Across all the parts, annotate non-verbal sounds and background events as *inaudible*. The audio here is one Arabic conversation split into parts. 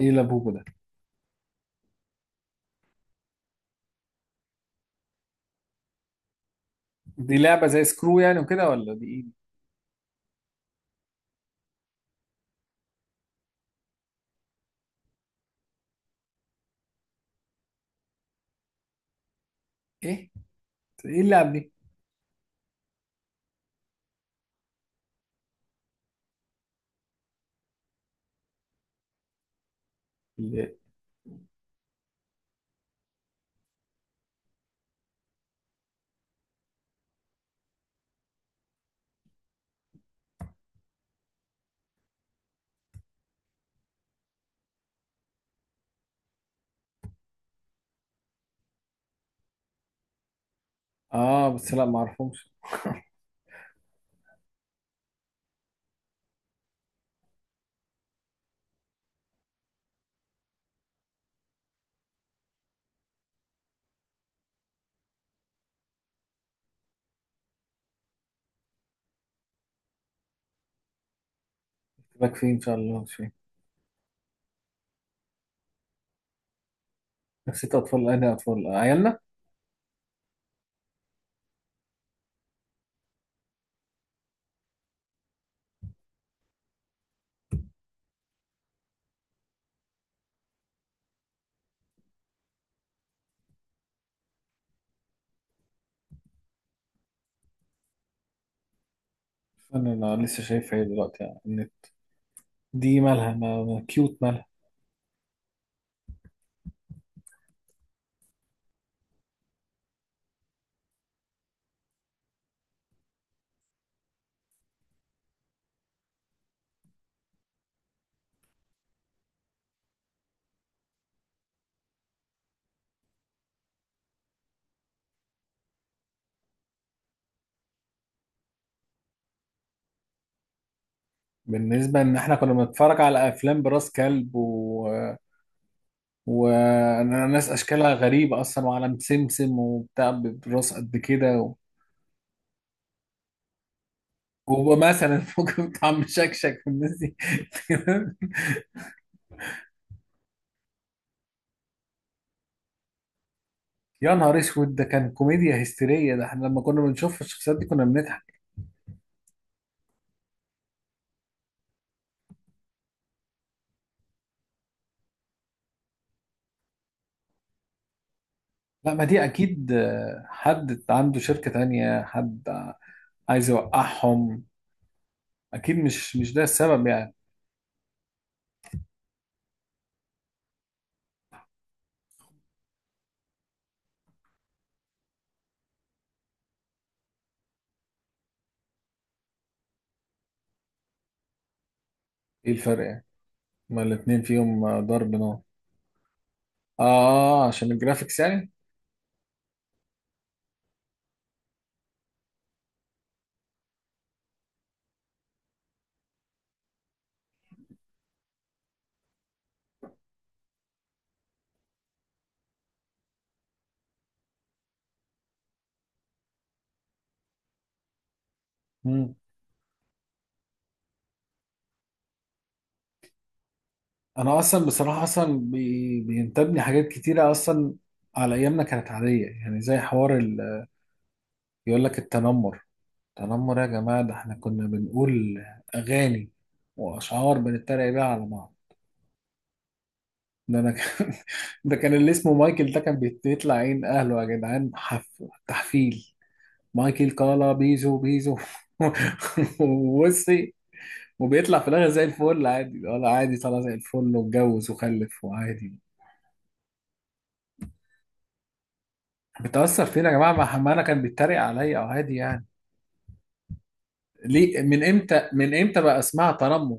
ايه لابوبو ده؟ دي لعبة زي سكرو يعني وكده ولا دي ايه ايه؟ ايه اللعبة دي؟ اللي- اه بس لا ما اعرفهمش. *laughs* بك فين ان شاء الله مش فين. نسيت اطفال، انا اطفال عيالنا. انا لسه شايفها دلوقتي، يعني إن دي مالها؟ ما كيوت، مالها؟ بالنسبة ان احنا كنا بنتفرج على افلام براس كلب، و وناس اشكالها غريبه اصلا، وعلم سمسم وبتاع براس قد كده ومثلا *laughs* ممكن طعم شكشك في الناس دي. *laughs* يا نهار اسود، ده كان كوميديا هستيريه، ده احنا لما كنا بنشوف الشخصيات دي كنا بنضحك. لا، ما دي اكيد حد عنده شركه تانية، حد عايز يوقعهم. اكيد مش ده السبب يعني. ايه الفرق يعني؟ ما الاتنين فيهم ضرب نار. اه، عشان الجرافيكس يعني. انا اصلا بصراحه، اصلا بينتابني حاجات كتيره اصلا على ايامنا كانت عاديه، يعني زي حوار يقول لك التنمر. التنمر يا جماعه، ده احنا كنا بنقول اغاني واشعار بنتريق بيها على بعض. ده انا كان *laughs* ده كان اللي اسمه مايكل، ده كان بيطلع عين اهله يا جدعان، تحفيل. مايكل كالا بيزو بيزو. *laughs* وبصي، وبيطلع في الاخر زي الفل عادي. ولا عادي؟ طلع زي الفل واتجوز وخلف وعادي. بتأثر فينا يا جماعة؟ ما حمانا كان بيتريق عليا أو هادي يعني. ليه من إمتى؟ من إمتى بقى اسمها تنمر؟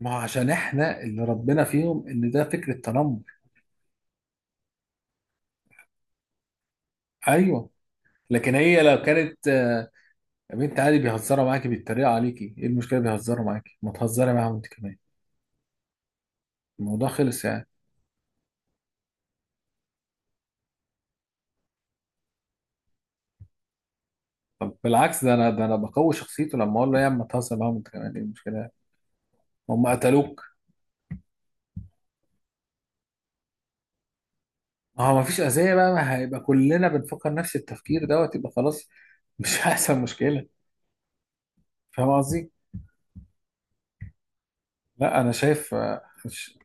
ما هو عشان إحنا اللي ربنا فيهم إن ده فكرة تنمر. أيوه. لكن هي لو كانت يا بنت عادي، بيهزروا معاكي، بيتريقوا عليكي، إيه المشكلة؟ بيهزروا معاكي، ما تهزري معاهم أنت كمان. الموضوع خلص يعني. طب بالعكس، ده أنا بقوي شخصيته لما أقول له يا عم تهزر معاهم أنت كمان، إيه المشكلة؟ هم قتلوك؟ ما هو ما فيش أذية بقى، ما هيبقى كلنا بنفكر نفس التفكير دوت، يبقى خلاص. مش *laughs* هيحصل مشكلة. فاهم قصدي؟ لا انا شايف آه، مش...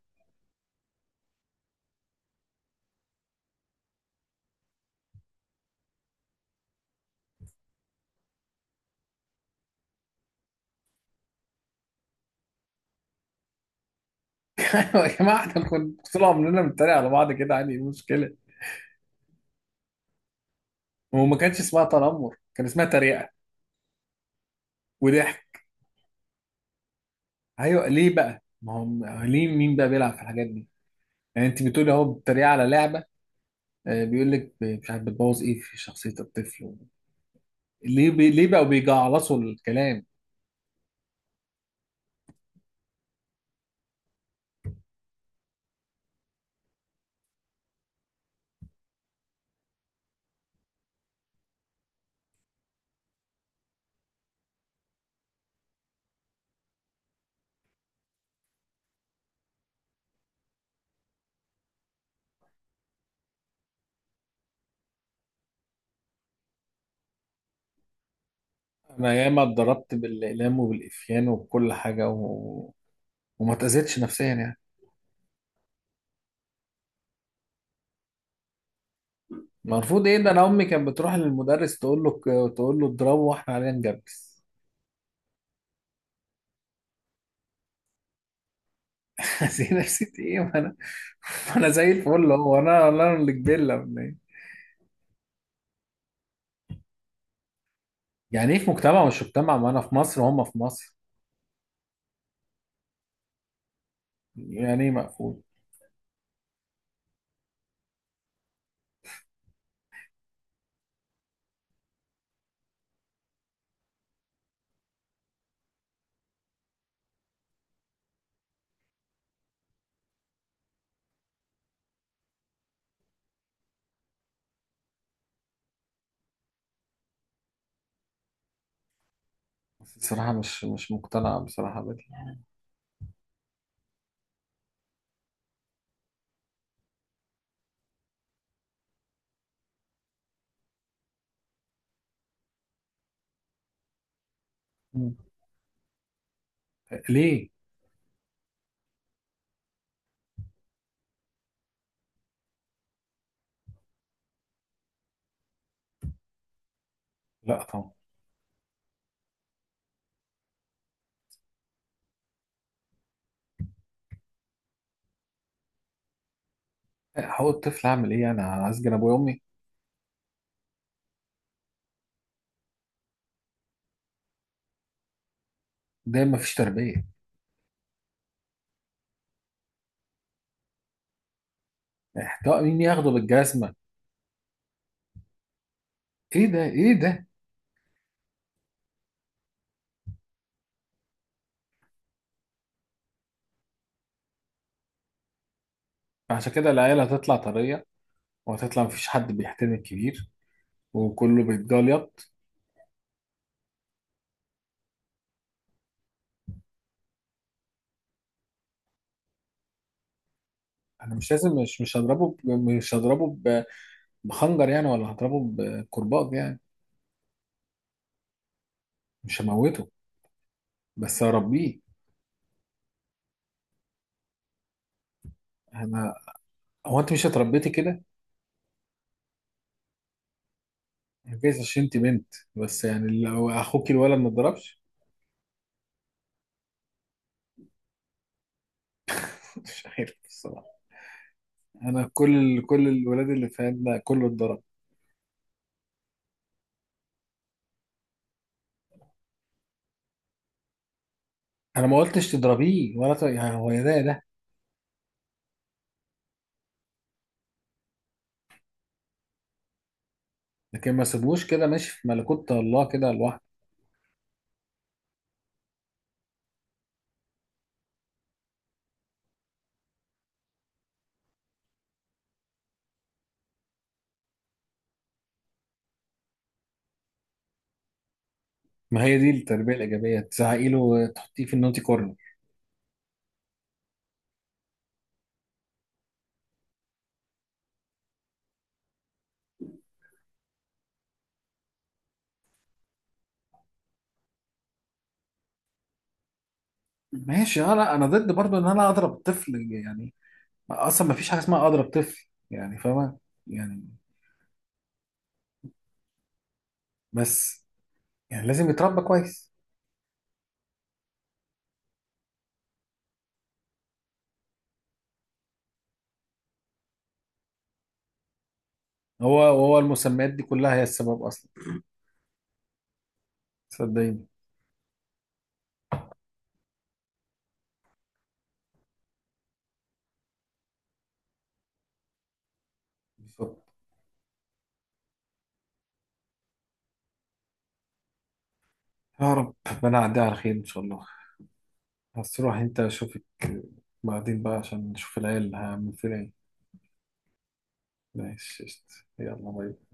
*laughs* يا جماعه، احنا كنا طول عمرنا بنتريق على بعض كده عادي، ايه المشكله؟ هو ما كانش اسمها تنمر، كان اسمها تريقه وضحك. ايوه ليه بقى؟ ما هو ليه مين بقى بيلعب في الحاجات دي؟ يعني انت بتقولي اهو بتتريق على لعبه، بيقول لك مش عارف بتبوظ ايه في شخصيه الطفل. ليه ليه بقوا بيجعلصوا الكلام؟ انا ياما اتضربت بالاقلام وبالافيان وبكل حاجه وما اتاذيتش نفسيا يعني. المفروض ايه؟ ده انا امي كانت بتروح للمدرس تقول له، تقول له اضربه، واحنا علينا نجبس. هذه نفسي ايه؟ ما انا، ما انا زي الفل. هو انا اللي كبيرة ولا ايه؟ يعني ايه في مجتمع مش مجتمع؟ ما انا في مصر وهم في مصر. يعني ايه مقفول؟ بصراحة مش مقتنع بصراحة بدي. مم. ليه؟ لا طبعا. هو الطفل اعمل ايه؟ انا هسجن ابويا وامي؟ ده مفيش تربية. احتواء؟ مين ياخده بالجزمة؟ ايه ده؟ ايه ده؟ عشان كده العيال هتطلع طرية، وهتطلع مفيش حد بيحترم الكبير، وكله بيتجليط. انا مش لازم، مش هضربه مش هضربه بخنجر يعني، ولا هضربه بكرباج يعني. مش هموته، بس هربيه. انا، هو انت مش اتربيتي كده؟ أنا جايز عشان انت بنت. بس يعني لو اخوك الولد ما اتضربش؟ *laughs* مش عارف الصراحه. انا كل الولاد اللي في عندنا كله اتضرب. انا ما قلتش تضربيه ولا ت... يعني هو يا ده يا ده. لكن ما سيبوش كده ماشي في ملكوت الله كده لوحده. ما هي دي التربيه الايجابيه، تزعقي له، تحطيه في النوتي كورنر. ماشي، انا ضد برضه ان انا اضرب الطفل يعني، اصلا ما فيش حاجه اسمها اضرب طفل، يعني فاهمه يعني؟ بس يعني لازم يتربى كويس. هو هو المسميات دي كلها هي السبب اصلا، صدقيني. بالظبط. يا رب ربنا يعديها على خير ان شاء الله. بس روح انت اشوفك بعدين بقى، عشان نشوف العيال هعمل فيها ايه. ماشي قشطة. يلا باي.